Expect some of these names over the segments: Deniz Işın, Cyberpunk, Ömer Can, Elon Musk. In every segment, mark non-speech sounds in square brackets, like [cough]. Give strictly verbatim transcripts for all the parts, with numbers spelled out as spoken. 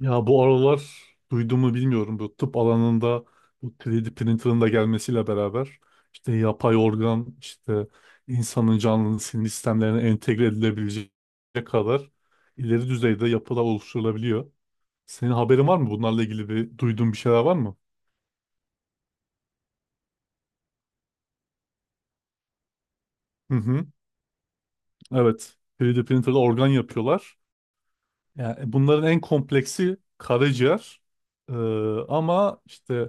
Ya bu aralar duyduğumu bilmiyorum. Bu tıp alanında bu üç D printer'ın da gelmesiyle beraber işte yapay organ işte insanın canlının sinir sistemlerine entegre edilebilecek kadar ileri düzeyde yapılar oluşturulabiliyor. Senin haberin var mı? Bunlarla ilgili bir duyduğun bir şeyler var mı? Hı hı. Evet. üç D printer'la organ yapıyorlar. Yani bunların en kompleksi karaciğer. Ee, ama işte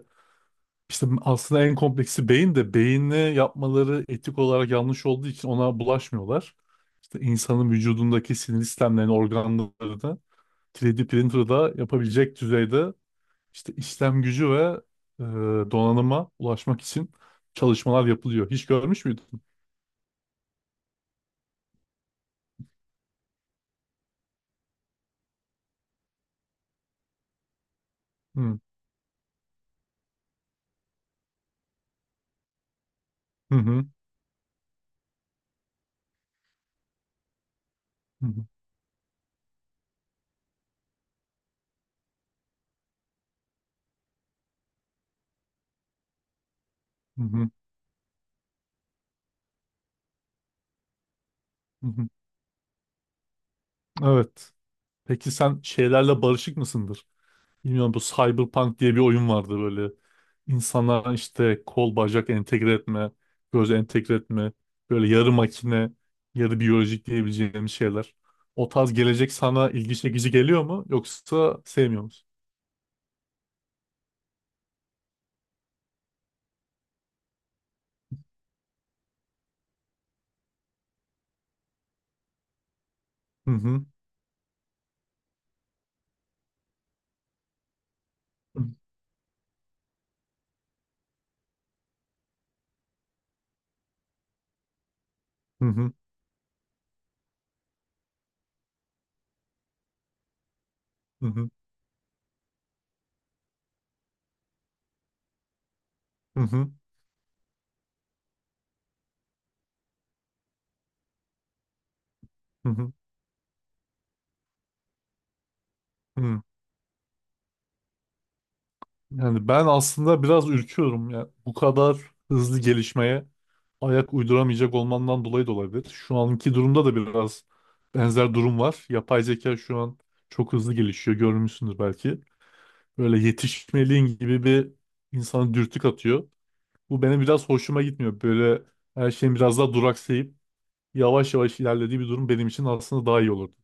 İşte aslında en kompleksi beyin de beyinle yapmaları etik olarak yanlış olduğu için ona bulaşmıyorlar. İşte insanın vücudundaki sinir sistemlerini, organlarını üç D printer'da yapabilecek düzeyde işte işlem gücü ve e, donanıma ulaşmak için çalışmalar yapılıyor. Hiç görmüş müydün? Hı hı hı hı hı hı. Hı hı. Evet. Peki sen şeylerle barışık mısındır? Bilmiyorum, bu Cyberpunk diye bir oyun vardı böyle. İnsanlara işte kol bacak entegre etme, göz entegre etme, böyle yarı makine, yarı biyolojik diyebileceğim şeyler. O tarz gelecek sana ilgi çekici geliyor mu yoksa sevmiyor musun? Hı hı. Hı hı. Hı hı. Hı hı. Hı hı. Hı hı. Yani ben aslında biraz ürküyorum ya. Bu kadar hızlı gelişmeye ayak uyduramayacak olmandan dolayı da olabilir. Şu anki durumda da biraz benzer durum var. Yapay zeka şu an çok hızlı gelişiyor. Görmüşsündür belki. Böyle yetişmeliğin gibi bir insanı dürtük atıyor. Bu benim biraz hoşuma gitmiyor. Böyle her şeyin biraz daha duraksayıp yavaş yavaş ilerlediği bir durum benim için aslında daha iyi olurdu.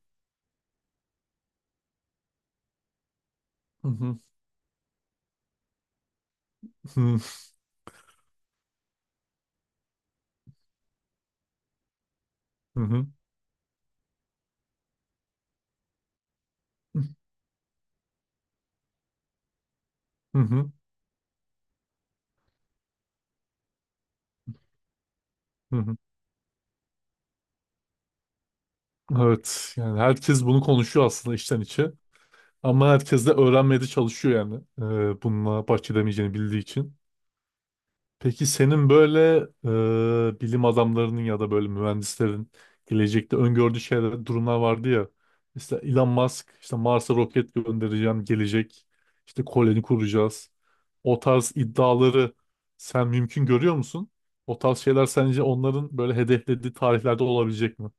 Hı hı. Hı hı. Hı hı. Hı hı. Evet, yani herkes bunu konuşuyor aslında içten içe. Ama herkes de öğrenmeye de çalışıyor yani. Ee, bununla baş edemeyeceğini bildiği için. Peki senin böyle e, bilim adamlarının ya da böyle mühendislerin gelecekte öngördüğü şeyler, durumlar vardı ya. İşte Elon Musk işte Mars'a roket göndereceğim gelecek. İşte koloni kuracağız. O tarz iddiaları sen mümkün görüyor musun? O tarz şeyler sence onların böyle hedeflediği tarihlerde olabilecek mi?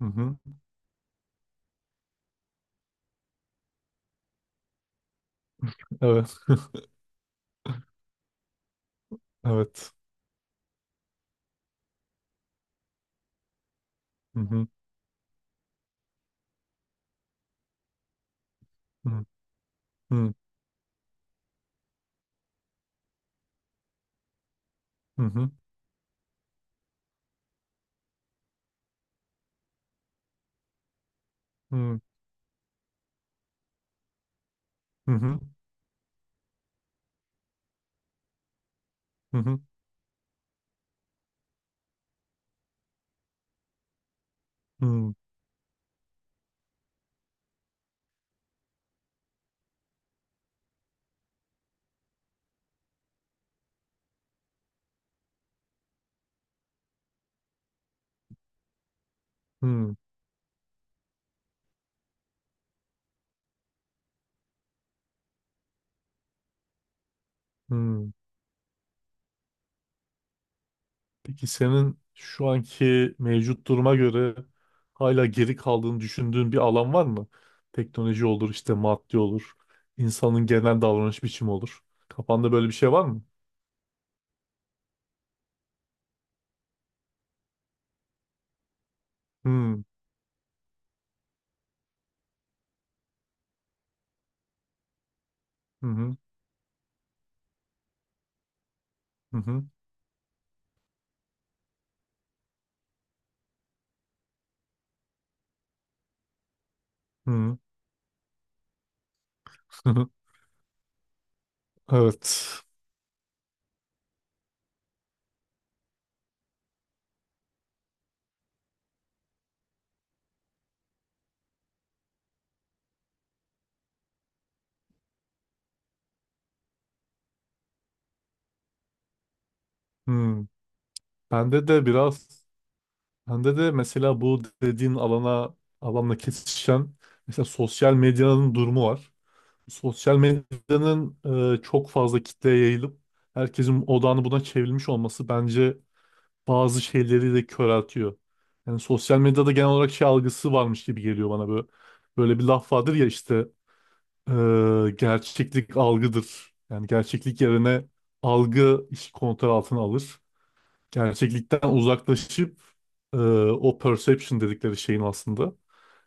Hı hı. Evet, evet. Hı hı. Hı hı. Hı hı. Hı hı. Hı hı. Hı hı. Hmm, hmm, hmm. Peki senin şu anki mevcut duruma göre hala geri kaldığını düşündüğün bir alan var mı? Teknoloji olur, işte maddi olur, insanın genel davranış biçimi olur. Kafanda böyle bir şey var mı? Hmm, hı hı, hı hı, hı hı. [laughs] Evet. Hmm. Bende de biraz, bende de mesela bu dediğin alana, alanla kesişen mesela sosyal medyanın durumu var. Sosyal medyanın e, çok fazla kitleye yayılıp herkesin odağını buna çevrilmiş olması bence bazı şeyleri de köreltiyor. Yani sosyal medyada genel olarak şey algısı varmış gibi geliyor bana böyle. Böyle bir laf vardır ya işte e, gerçeklik algıdır. Yani gerçeklik yerine algı işi kontrol altına alır gerçeklikten uzaklaşıp e, o perception dedikleri şeyin aslında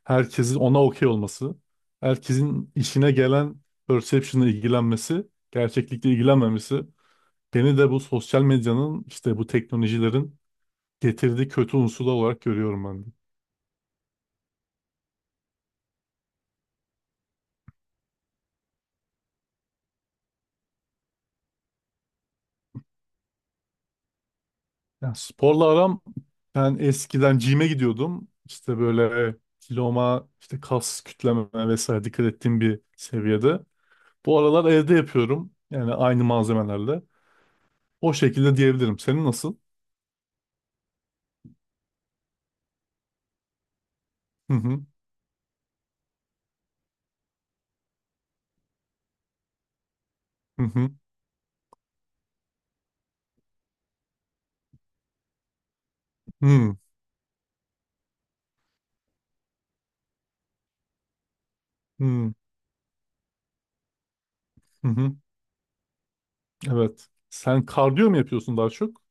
herkesin ona okey olması, herkesin işine gelen perception'la ilgilenmesi, gerçeklikle ilgilenmemesi beni de bu sosyal medyanın işte bu teknolojilerin getirdiği kötü unsur olarak görüyorum ben de. Yani sporla aram, ben eskiden gym'e gidiyordum. İşte böyle kiloma, işte kas kütleme vesaire dikkat ettiğim bir seviyede. Bu aralar evde yapıyorum. Yani aynı malzemelerle. O şekilde diyebilirim. Senin nasıl? Hı hı. Hı hı. Hı hı. Hı hı. Evet. Sen kardiyo mu yapıyorsun daha çok?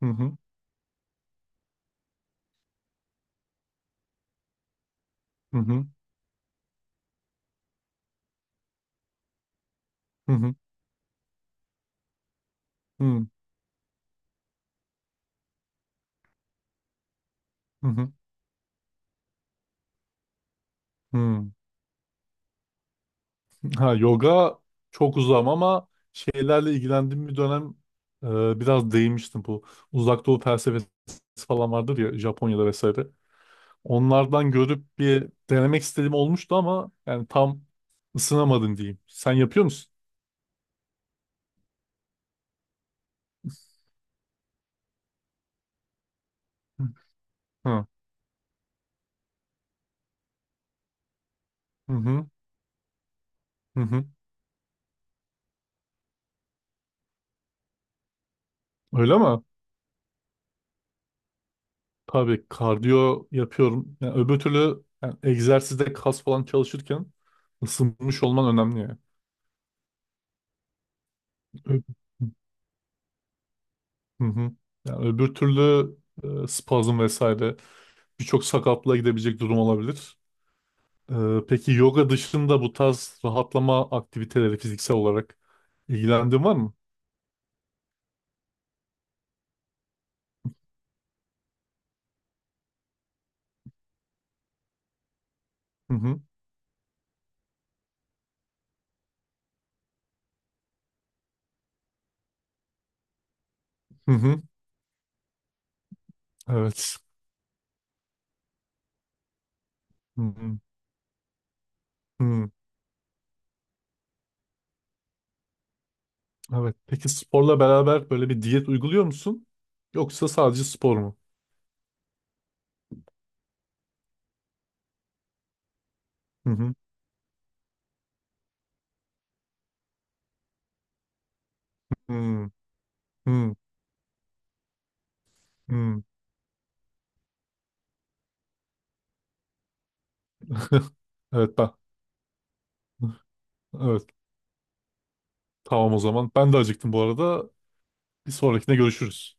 Hı hı. Hı hı. Hı hı. Hı hı. Hı hı. Ha, yoga çok uzağım ama şeylerle ilgilendiğim bir dönem e, biraz değinmiştim bu. Uzak Doğu felsefesi falan vardır ya, Japonya'da vesaire. Onlardan görüp bir denemek istediğim olmuştu ama yani tam ısınamadım diyeyim. Sen yapıyor musun? Hı hı. Hı hı. Hı. Öyle mi? Tabii kardiyo yapıyorum. Yani öbür türlü yani egzersizde kas falan çalışırken ısınmış olman önemli yani. Ö- Hı hı. Yani öbür türlü e, spazm vesaire birçok sakatlığa gidebilecek durum olabilir. E, peki yoga dışında bu tarz rahatlama aktiviteleri fiziksel olarak ilgilendiğin var mı? Hı hı. Hı hı. Evet. Hı hı. Hı. Evet. Peki sporla beraber böyle bir diyet uyguluyor musun? Yoksa sadece spor mu? Hı hı. Hı hı. Hmm. [laughs] Evet ben. Evet. Tamam o zaman. Ben de acıktım bu arada. Bir sonrakine görüşürüz.